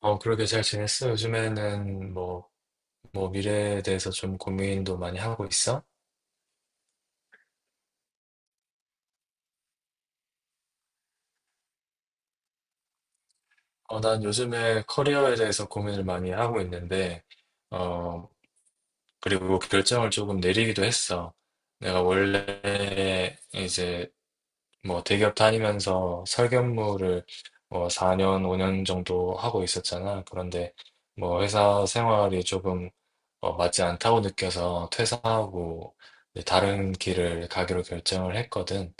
그러게. 잘 지냈어? 요즘에는 뭐, 미래에 대해서 좀 고민도 많이 하고 있어? 난 요즘에 커리어에 대해서 고민을 많이 하고 있는데, 어, 그리고 결정을 조금 내리기도 했어. 내가 원래 이제 뭐 대기업 다니면서 설계업무를 뭐 4년, 5년 정도 하고 있었잖아. 그런데 뭐 회사 생활이 조금 맞지 않다고 느껴서 퇴사하고 이제 다른 길을 가기로 결정을 했거든.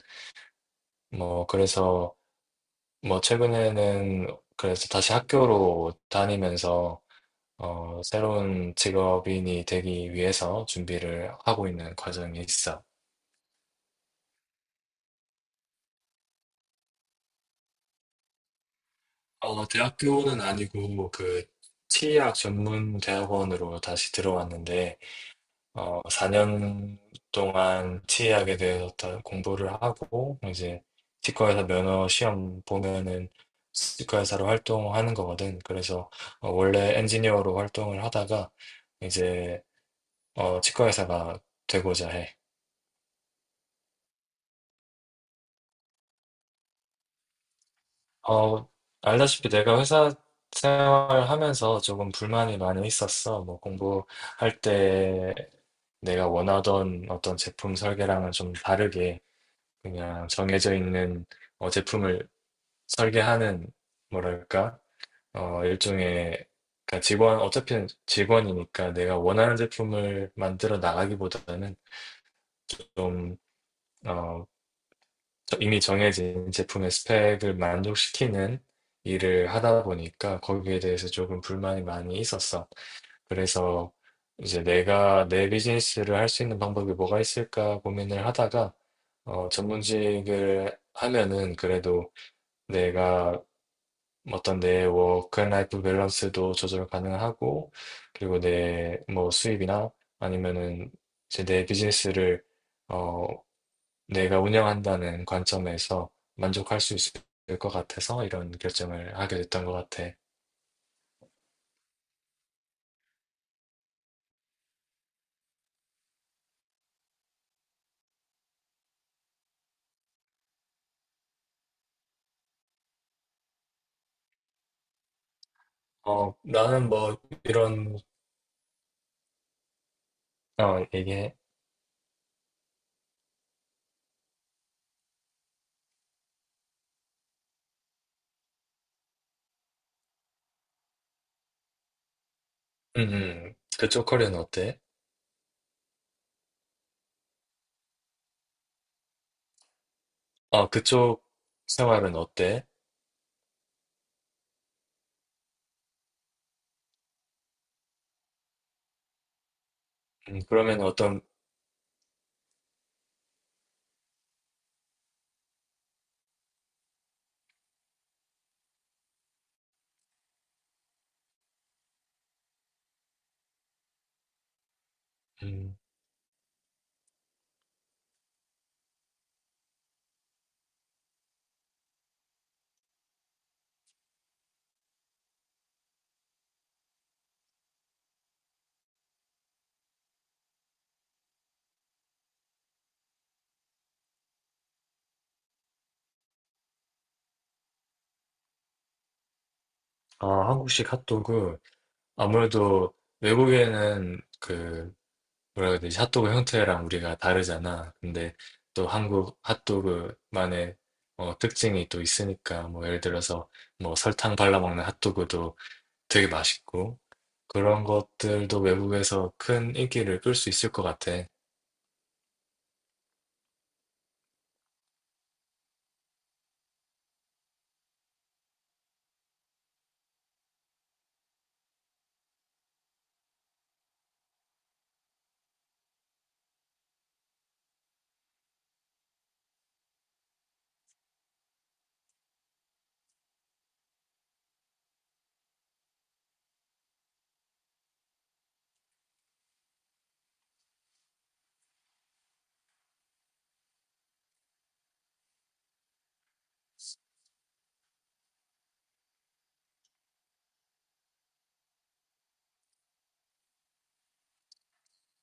뭐 그래서 뭐 최근에는 그래서 다시 학교로 다니면서 새로운 직업인이 되기 위해서 준비를 하고 있는 과정이 있어. 대학교는 아니고 그 치의학 전문 대학원으로 다시 들어왔는데 4년 동안 치 a 하게 되었다 공부를 하고, 이제 치과에서 면허 시험 보면은 치과의사로 활동하는 거거든. 그래서 원래 엔지니어로 활동을 하다가 이제 치과의사가 되고자 해. 어, 알다시피 내가 회사 생활하면서 조금 불만이 많이 있었어. 뭐 공부할 때 내가 원하던 어떤 제품 설계랑은 좀 다르게 그냥 정해져 있는 제품을 설계하는 뭐랄까 일종의 그러니까 직원이니까 내가 원하는 제품을 만들어 나가기보다는 좀 어 이미 정해진 제품의 스펙을 만족시키는 일을 하다 보니까 거기에 대해서 조금 불만이 많이 있었어. 그래서 이제 내가 내 비즈니스를 할 수 있는 방법이 뭐가 있을까 고민을 하다가 전문직을 하면은 그래도 내가 어떤 내 워크앤라이프 밸런스도 조절 가능하고 그리고 내 뭐 수입이나 아니면은 이제 내 비즈니스를 어 내가 운영한다는 관점에서 만족할 수 있을 것 같아서 이런 결정을 하게 됐던 것 같아. 나는 뭐 이런 얘기해. 그쪽 커리어는 어때? 그쪽 생활은 어때? 그러면 어떤 음, 아, 한국식 핫도그. 아무래도 외국에는 그 뭐라 해야 되지? 핫도그 형태랑 우리가 다르잖아. 근데 또 한국 핫도그만의 특징이 또 있으니까 뭐 예를 들어서 뭐 설탕 발라 먹는 핫도그도 되게 맛있고 그런 것들도 외국에서 큰 인기를 끌 수 있을 것 같아.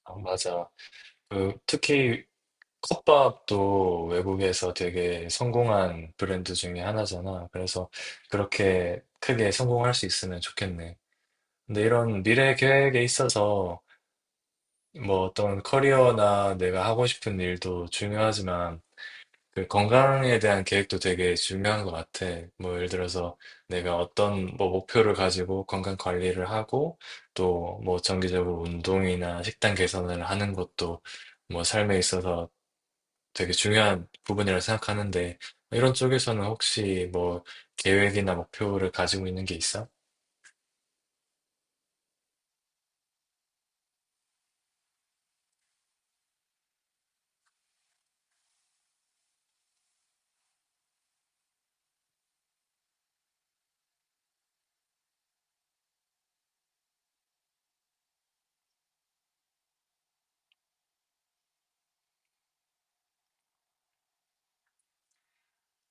아, 맞아. 그 특히 컵밥도 외국에서 되게 성공한 브랜드 중에 하나잖아. 그래서 그렇게 크게 성공할 수 있으면 좋겠네. 근데 이런 미래 계획에 있어서 뭐 어떤 커리어나 내가 하고 싶은 일도 중요하지만 그 건강에 대한 계획도 되게 중요한 것 같아. 뭐 예를 들어서 내가 어떤 뭐 목표를 가지고 건강 관리를 하고 또 뭐 정기적으로 운동이나 식단 개선을 하는 것도 뭐 삶에 있어서 되게 중요한 부분이라 생각하는데 이런 쪽에서는 혹시 뭐 계획이나 목표를 가지고 있는 게 있어?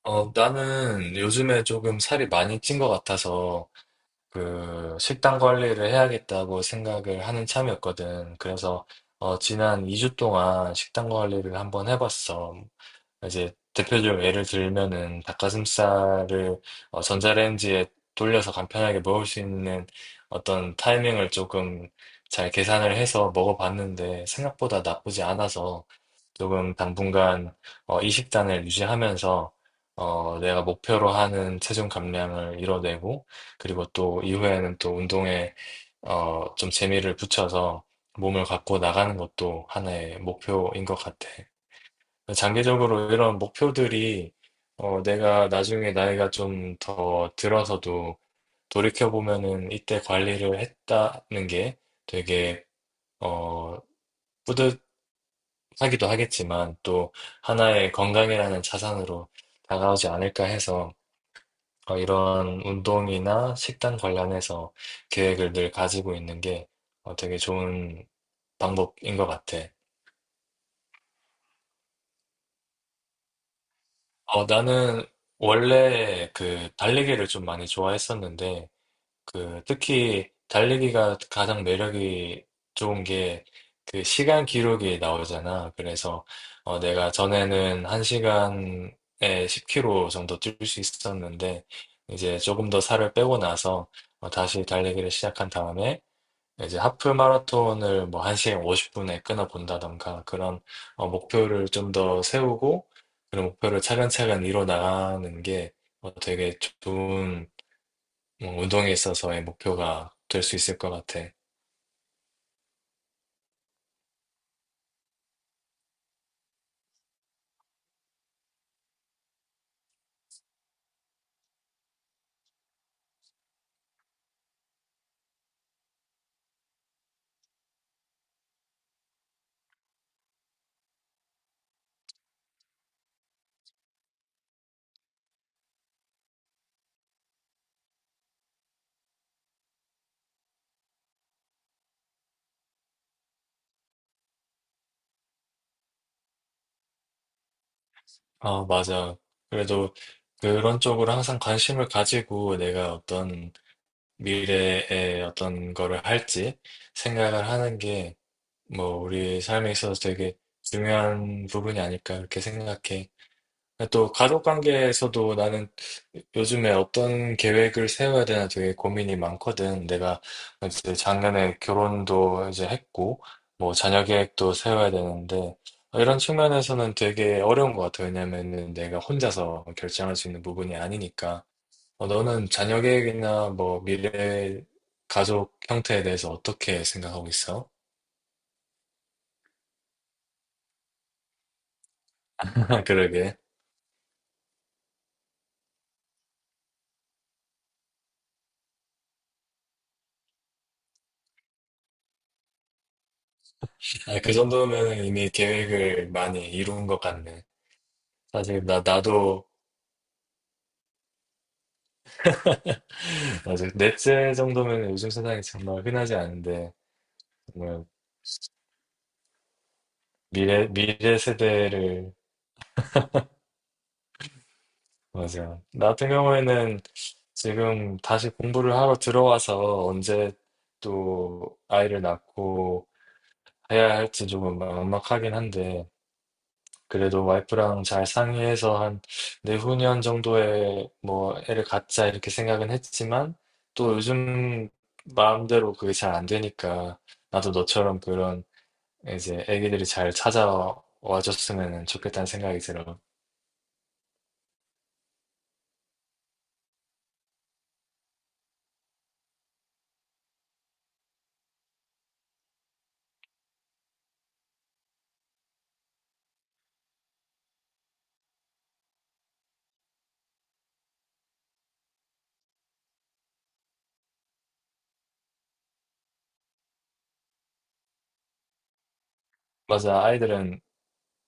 나는 요즘에 조금 살이 많이 찐 것 같아서 그 식단 관리를 해야겠다고 생각을 하는 참이었거든. 그래서 지난 2주 동안 식단 관리를 한번 해봤어. 이제 대표적으로 예를 들면은 닭가슴살을 전자레인지에 돌려서 간편하게 먹을 수 있는 어떤 타이밍을 조금 잘 계산을 해서 먹어봤는데 생각보다 나쁘지 않아서 조금 당분간 이 식단을 유지하면서 내가 목표로 하는 체중 감량을 이뤄내고 그리고 또 이후에는 또 운동에 좀 재미를 붙여서 몸을 갖고 나가는 것도 하나의 목표인 것 같아. 장기적으로 이런 목표들이 내가 나중에 나이가 좀 더 들어서도 돌이켜보면은 이때 관리를 했다는 게 되게 어, 뿌듯하기도 하겠지만 또 하나의 건강이라는 자산으로 다가오지 않을까 해서 이런 운동이나 식단 관련해서 계획을 늘 가지고 있는 게 되게 좋은 방법인 것 같아. 나는 원래 그 달리기를 좀 많이 좋아했었는데 그 특히 달리기가 가장 매력이 좋은 게 그 시간 기록이 나오잖아. 그래서 내가 전에는 1시간에 10km 정도 뛸 수 있었는데 이제 조금 더 살을 빼고 나서 다시 달리기를 시작한 다음에 이제 하프 마라톤을 뭐 1시간 50분에 끊어본다던가 그런 목표를 좀 더 세우고 그런 목표를 차근차근 이뤄 나가는 게 되게 좋은 뭐 운동에 있어서의 목표가 될 수 있을 것 같아. 아, 맞아. 그래도 그런 쪽으로 항상 관심을 가지고 내가 어떤 미래에 어떤 거를 할지 생각을 하는 게 뭐 우리 삶에 있어서 되게 중요한 부분이 아닐까 그렇게 생각해. 또 가족 관계에서도 나는 요즘에 어떤 계획을 세워야 되나 되게 고민이 많거든. 내가 이제 작년에 결혼도 이제 했고, 뭐 자녀 계획도 세워야 되는데, 이런 측면에서는 되게 어려운 것 같아. 왜냐면은 내가 혼자서 결정할 수 있는 부분이 아니니까. 너는 자녀 계획이나 뭐 미래 가족 형태에 대해서 어떻게 생각하고 있어? 그러게. 아, 그 정도면 이미 계획을 많이 이룬 것 같네. 사실 나도 맞아요. 넷째 정도면 요즘 세상에 정말 흔하지 않은데, 정말 미래 세대를, 맞아요. 나 같은 경우에는 지금 다시 공부를 하러 들어와서 언제 또 아이를 낳고 해야 할지 조금 막막하긴 한데, 그래도 와이프랑 잘 상의해서 한 내후년 정도에 뭐 애를 갖자 이렇게 생각은 했지만, 또 요즘 마음대로 그게 잘 안 되니까, 나도 너처럼 그런 이제 애기들이 잘 찾아와 줬으면 좋겠다는 생각이 들어. 맞아, 아이들은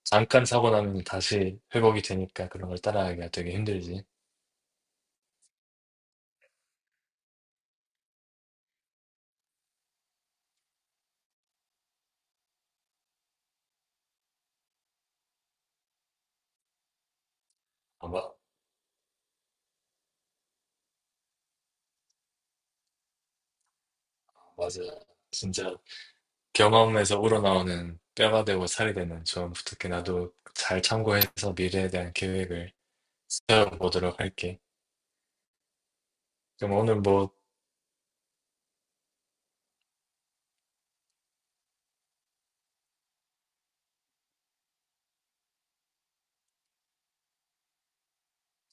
잠깐 사고 나면 다시 회복이 되니까 그런 걸 따라하기가 되게 힘들지. 아마, 맞아. 진짜 경험에서 우러나오는 뼈가 되고 살이 되는 조언 부탁해. 나도 잘 참고해서 미래에 대한 계획을 세워보도록 할게. 그럼 오늘 뭐,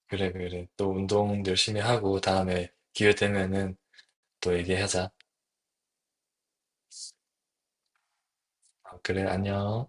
그래, 그래. 또 운동 열심히 하고 다음에 기회 되면은 또 얘기하자. 아, 그래, 안녕.